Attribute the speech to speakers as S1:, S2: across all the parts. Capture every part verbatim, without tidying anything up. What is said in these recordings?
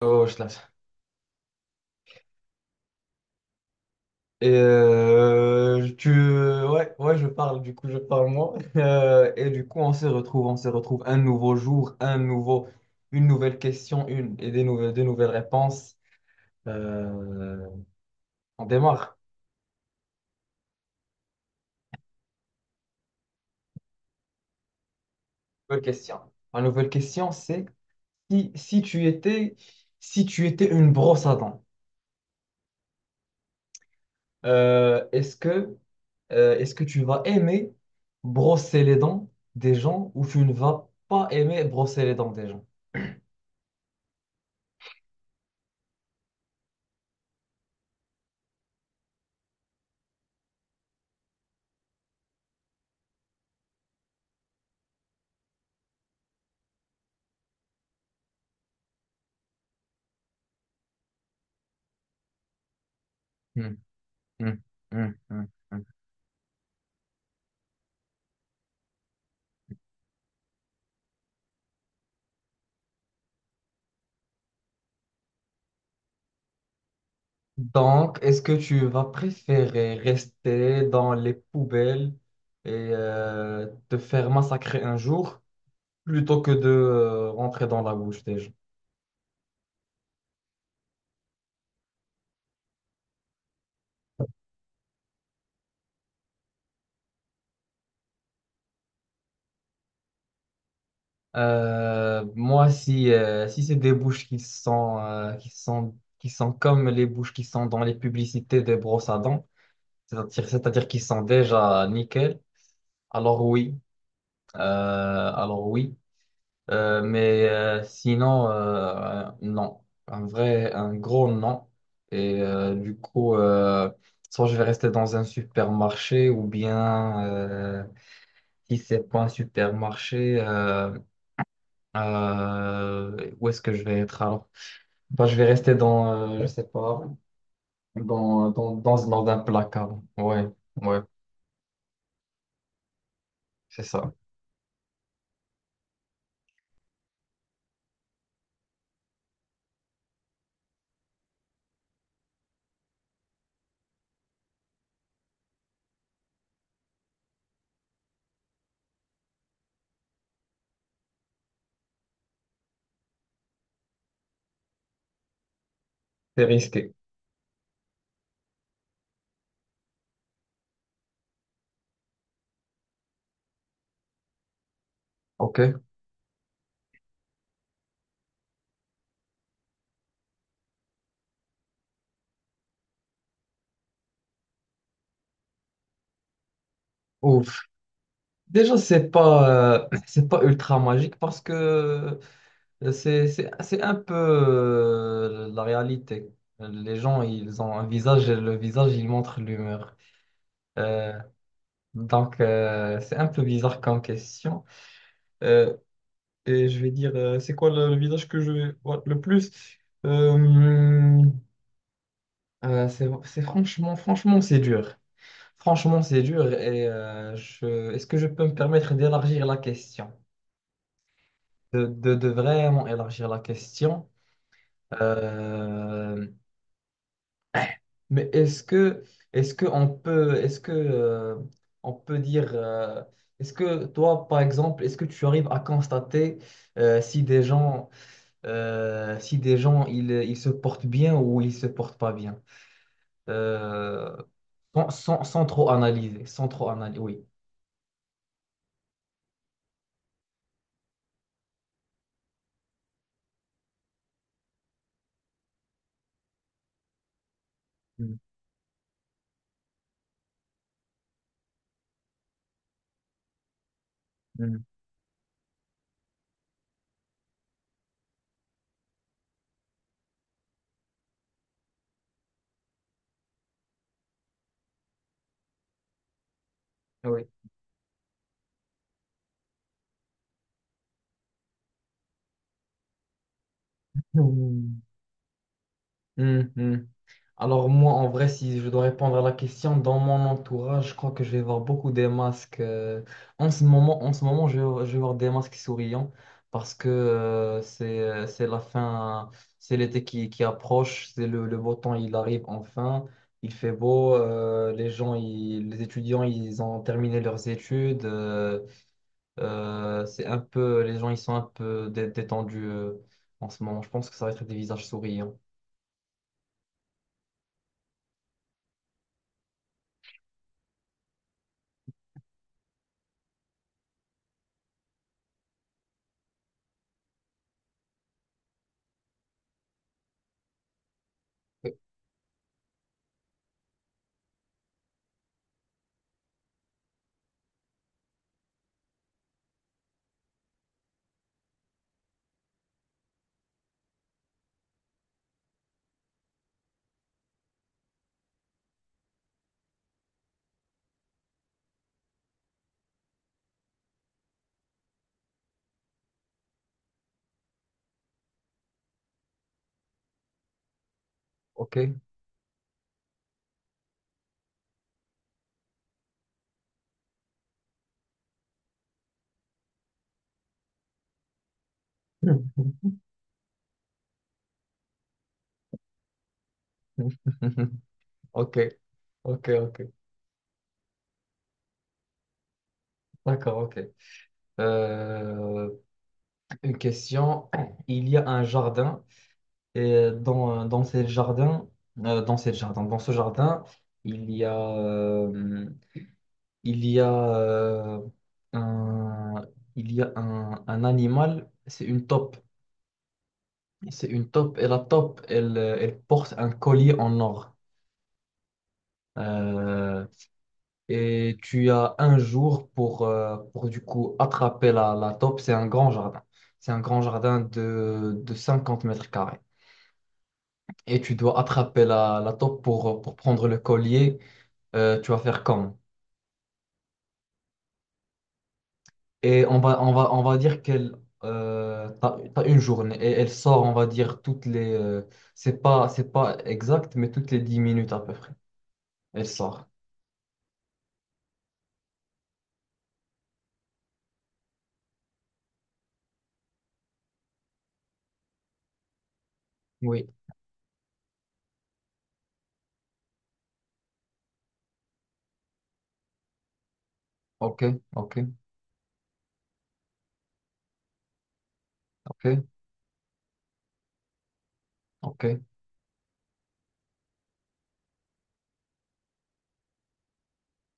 S1: Oh, je lâche. Et euh, tu, ouais, ouais, je parle, du coup, je parle moi. Euh, et du coup, on se retrouve, on se retrouve un nouveau jour, un nouveau, une nouvelle question, une et des nouvelles, des nouvelles réponses. Euh, on démarre. Nouvelle question. La nouvelle question, c'est si, si tu étais, si tu étais une brosse à dents, euh, est-ce que, euh, est-ce que tu vas aimer brosser les dents des gens ou tu ne vas pas aimer brosser les dents des gens? Hmm. Hmm, hmm, hmm, hmm. Donc, est-ce que tu vas préférer rester dans les poubelles et euh, te faire massacrer un jour plutôt que de euh, rentrer dans la bouche des gens? Euh, moi, si, euh, si c'est des bouches qui sont, euh, qui sont, qui sont comme les bouches qui sont dans les publicités des brosses à dents, c'est-à-dire, c'est-à-dire qui sont déjà nickel, alors oui. Euh, alors oui. Euh, mais euh, sinon, euh, non. Un vrai, un gros non. Et euh, du coup, euh, soit je vais rester dans un supermarché ou bien, euh, si c'est pas un supermarché, euh, euh, où est-ce que je vais être alors? Bah, je vais rester dans, euh, je sais pas, dans, dans, dans, dans un placard. Ouais, ouais, c'est ça. C'est risqué. Ok. Ouf. Déjà, c'est pas, euh, c'est pas ultra magique parce que C'est, c'est, c'est un peu euh, la réalité. Les gens, ils ont un visage et le visage, il montre l'humeur. Euh, donc, euh, c'est un peu bizarre comme question. Euh, et je vais dire, euh, c'est quoi le, le visage que je vais voir le plus? Euh, euh, c'est, c'est franchement, franchement, c'est dur. Franchement, c'est dur. Et euh, je, est-ce que je peux me permettre d'élargir la question? De, de, de vraiment élargir la question? Euh, Mais est-ce que est-ce que on peut est-ce que euh, on peut dire euh, est-ce que toi par exemple est-ce que tu arrives à constater euh, si des gens euh, si des gens ils, ils se portent bien ou ils se portent pas bien. Euh, sans, sans- sans trop analyser, sans trop analyser, oui. Mm, mm. Oui. Hmm. Hum. Alors moi, en vrai, si je dois répondre à la question, dans mon entourage, je crois que je vais voir beaucoup des masques. Euh, en ce moment, en ce moment, je vais, je vais voir des masques souriants parce que euh, c'est euh, c'est la fin, c'est l'été qui, qui approche, c'est le, le beau temps, il arrive enfin, il fait beau, euh, les gens, ils- les étudiants, ils ont terminé leurs études, euh, euh, c'est un peu, les gens, ils sont un peu dé- détendus euh, en ce moment. Je pense que ça va être des visages souriants. Ok. Ok, ok, ok. D'accord, ok. Euh, une question. Il y a un jardin et dans, dans ce jardin, euh, dans ce jardin, dans ce jardin, il y a, euh, il y a, euh, un, il y a un, un animal. C'est une taupe. C'est une taupe et la taupe, elle, elle porte un collier en or. Euh, et tu as un jour pour, euh, pour du coup attraper la, la taupe. C'est un grand jardin. C'est un grand jardin de, de cinquante mètres carrés. Et tu dois attraper la, la taupe pour, pour prendre le collier. Euh, tu vas faire comme. Et on va, on va, on va dire qu'elle... Euh, t'as, t'as une journée et elle sort, on va dire, toutes les... euh, c'est pas, c'est pas exact, mais toutes les dix minutes à peu près. Elle sort. Oui. Ok, ok, ok, ok.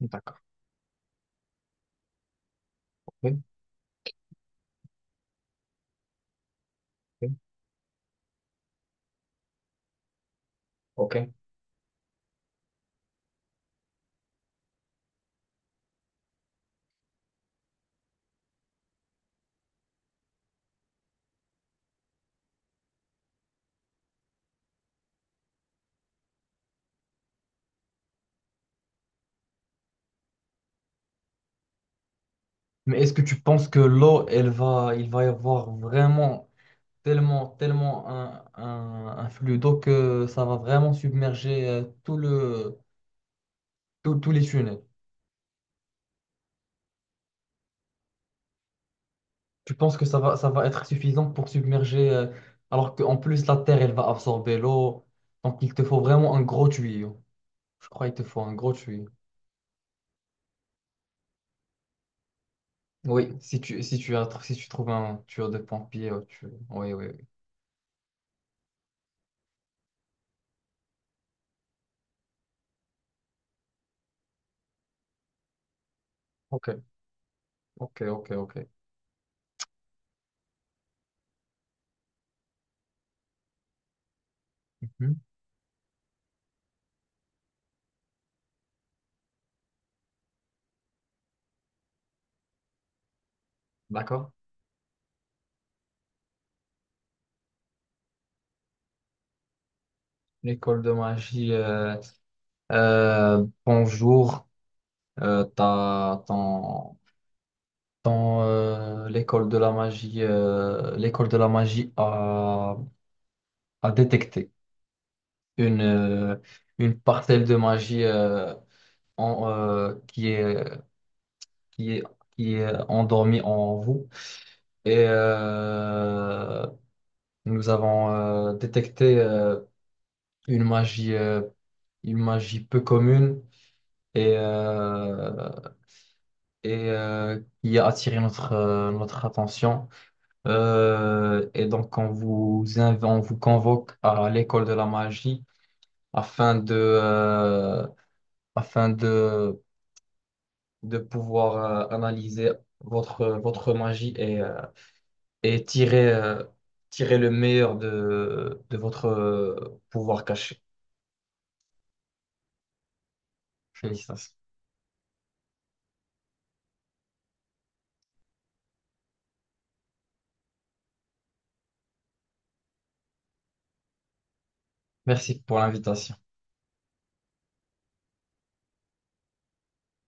S1: D'accord. Ok, ok. Ok. Mais est-ce que tu penses que l'eau, elle va, il va y avoir vraiment tellement, tellement un, un, un flux d'eau que ça va vraiment submerger euh, tout le, tout- tous les tunnels? Tu penses que ça va, ça va être suffisant pour submerger, euh, alors qu'en plus la terre, elle va absorber l'eau. Donc il te faut vraiment un gros tuyau. Je crois qu'il te faut un gros tuyau. Oui, si tu, si tu, as- si tu trouves un tuyau de pompier, euh, tu... oui, oui, oui. Ok, ok, ok, ok. Mhm. D'accord. L'école de magie. Euh, bonjour, euh, t'as, ton, ton, euh, l'école de la magie, euh, l'école de la magie a, a détecté une, euh, une parcelle de magie euh, en, euh, qui est, qui est, qui est endormie en vous. Et euh, nous avons euh, détecté euh, une magie, euh, une magie peu commune et, euh, et euh, qui a attiré notre, euh, notre attention. Euh, et donc, on vous, inv- on vous convoque à l'école de la magie afin de, euh, afin de, de pouvoir euh, analyser votre, votre magie et, euh, et tirer, euh, tirer le meilleur de, de votre euh, pouvoir caché. Félicitations. Merci pour l'invitation.